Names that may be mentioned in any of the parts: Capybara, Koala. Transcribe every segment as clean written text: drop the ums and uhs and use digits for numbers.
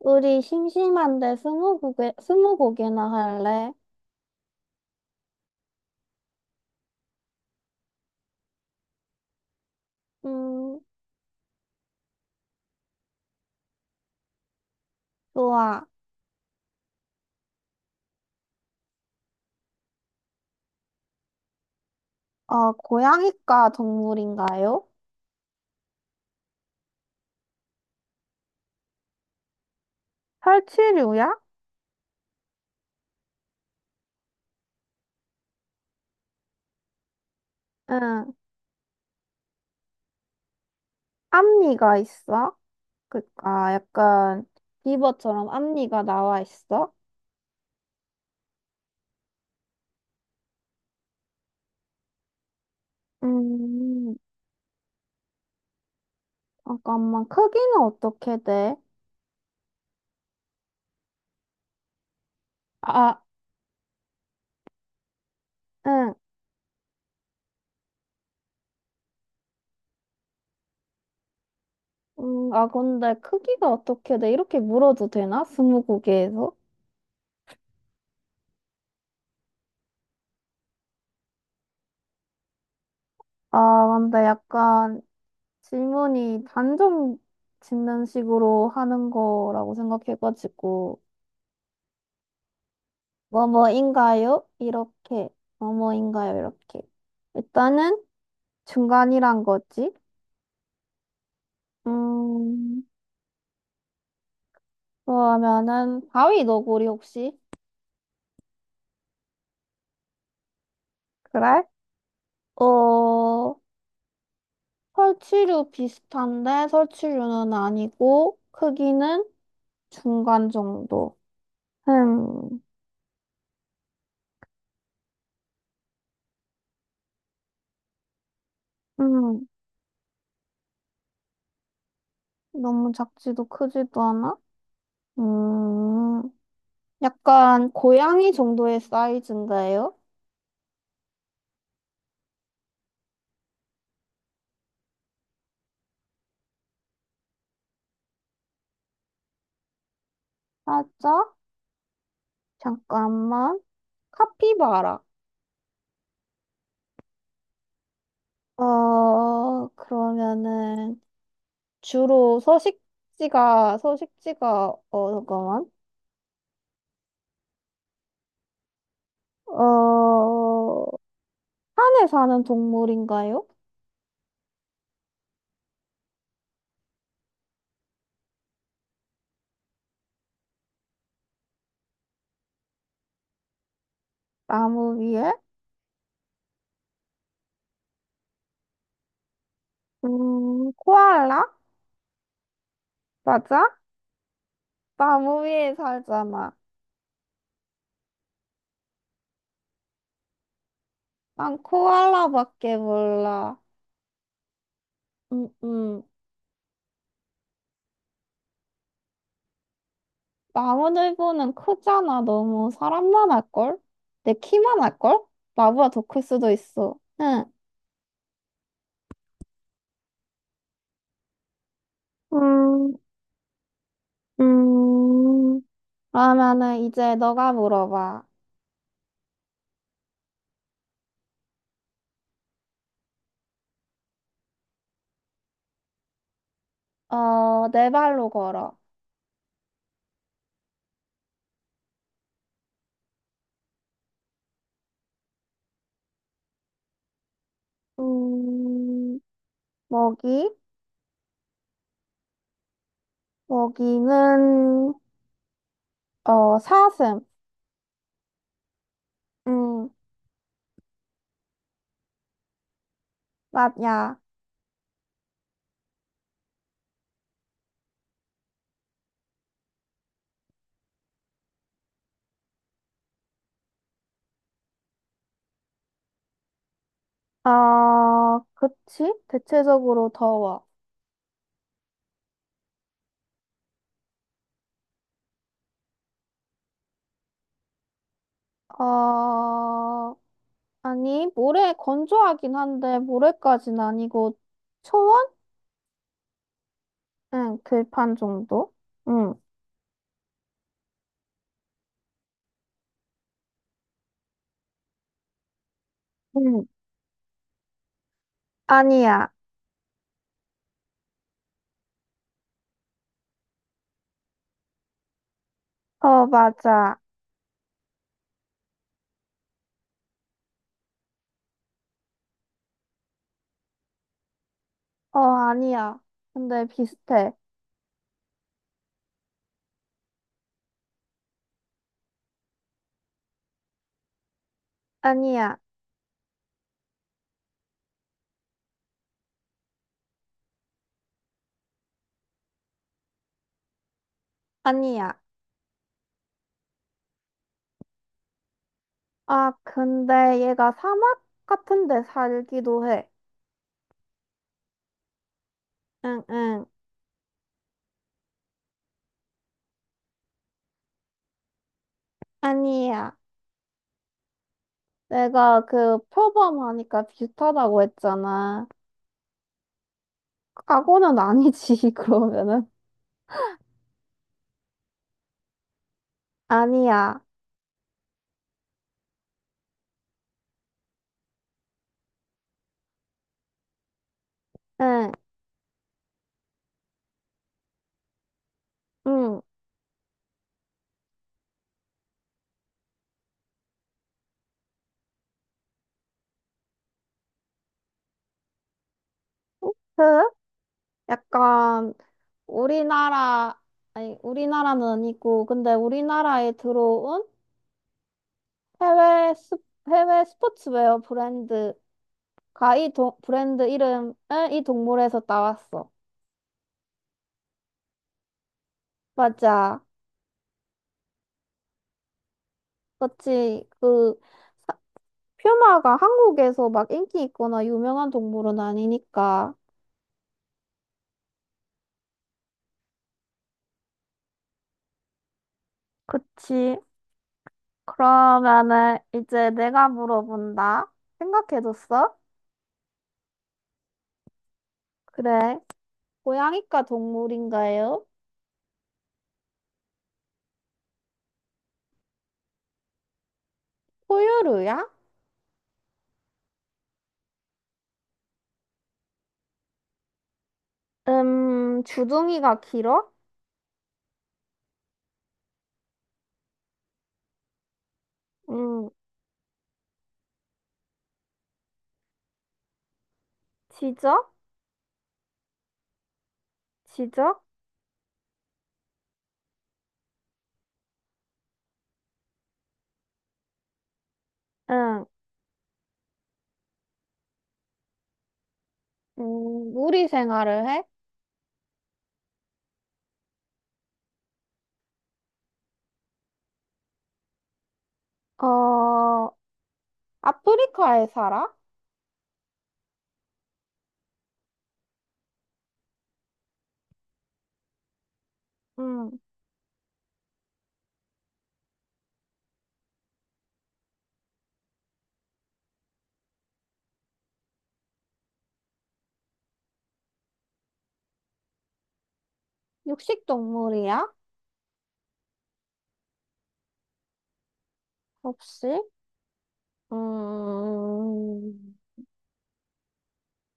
우리 심심한데 스무고개, 스무고개나 할래? 음, 좋아. 고양이과 동물인가요? 설치류야? 응. 앞니가 있어? 그니까 약간 비버처럼 앞니가 나와 있어? 음, 잠깐만. 크기는 어떻게 돼? 아, 응. 아, 근데 크기가 어떻게 돼? 이렇게 물어도 되나? 스무고개에서? 아, 근데 약간 질문이 단정 짓는 식으로 하는 거라고 생각해가지고, 뭐뭐인가요? 이렇게, 뭐뭐인가요? 이렇게. 일단은 중간이란 거지. 음, 그러면은, 바위 너구리 혹시? 그래? 어, 설치류 비슷한데, 설치류는 아니고, 크기는 중간 정도. 음, 음, 너무 작지도 크지도 않아? 음. 약간 고양이 정도의 사이즈인가요? 살짝? 잠깐만. 카피바라. 그러면은 주로 서식지가, 서식지가, 어, 잠깐만. 어, 산에 사는 동물인가요? 나무 위에? 코알라? 맞아? 나무 위에 살잖아. 난 코알라밖에 몰라. 음, 음. 나무늘보는 크잖아. 너무 사람만 할걸? 내 키만 할걸? 나보다 더 클 수도 있어. 응. 음, 음. 그러면은 이제 너가 물어봐. 네 발로 걸어. 음, 먹이? 먹이는, 어, 사슴. 음, 맞야. 어, 그치? 대체적으로 더워. 어, 아니, 모래 건조하긴 한데 모래까진 아니고 초원? 응, 들판 정도? 응, 응. 아니야. 어, 맞아. 어, 아니야. 근데 비슷해. 아니야. 아니야. 아, 근데 얘가 사막 같은 데 살기도 해. 응, 응. 아니야. 내가 그 표범하니까 비슷하다고 했잖아. 과거는 아니지, 그러면은. 아니야. 응, 응. 그? 약간 우리나라, 아니, 우리나라는 아니고, 근데 우리나라에 들어온 해외, 스, 해외 스포츠웨어 브랜드가 이 동, 브랜드 이름을 이 동물에서 따왔어. 맞아. 그치. 그, 사- 퓨마가 한국에서 막 인기 있거나 유명한 동물은 아니니까. 그치. 그러면은 이제 내가 물어본다. 생각해뒀어? 그래. 고양이과 동물인가요? 포유류야? 주둥이가 길어? 음, 지적? 지적? 응. 무리 생활을 해? 어, 아프리카에 살아? 음, 육식 동물이야? 혹시? 음,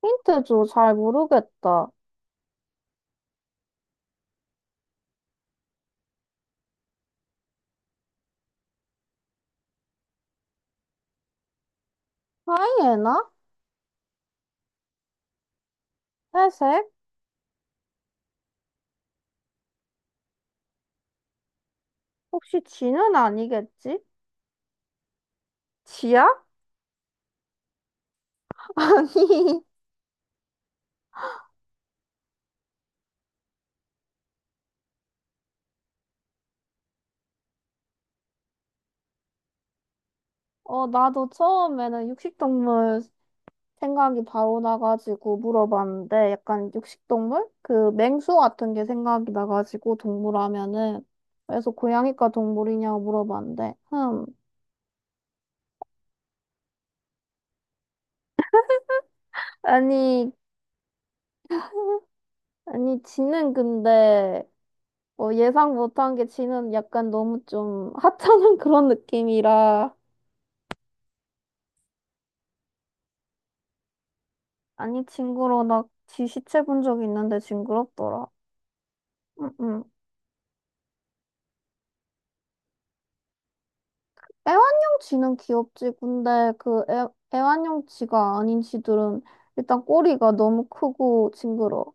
힌트 줘, 잘 모르겠다. 하이에나? 회색? 혹시 쥐는 아니겠지? 쥐야? 아니, 어, 나도 처음에는 육식 동물 생각이 바로 나가지고 물어봤는데 약간 육식동물? 그 맹수 같은 게 생각이 나가지고 동물 하면은 그래서 고양이과 동물이냐고 물어봤는데 흠 아니 아니 지는 근데 뭐 예상 못한 게 지는 약간 너무 좀 하찮은 그런 느낌이라 아니 징그러워 나 지 시체 본 적 있는데 징그럽더라 응응 애완용 쥐는 귀엽지. 근데 그 애, 애완용 쥐가 아닌 쥐들은 일단 꼬리가 너무 크고 징그러워.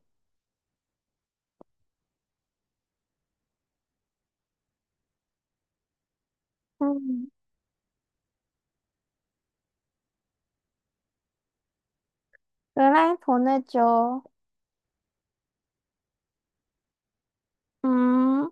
음, 그래, 보내줘. 음.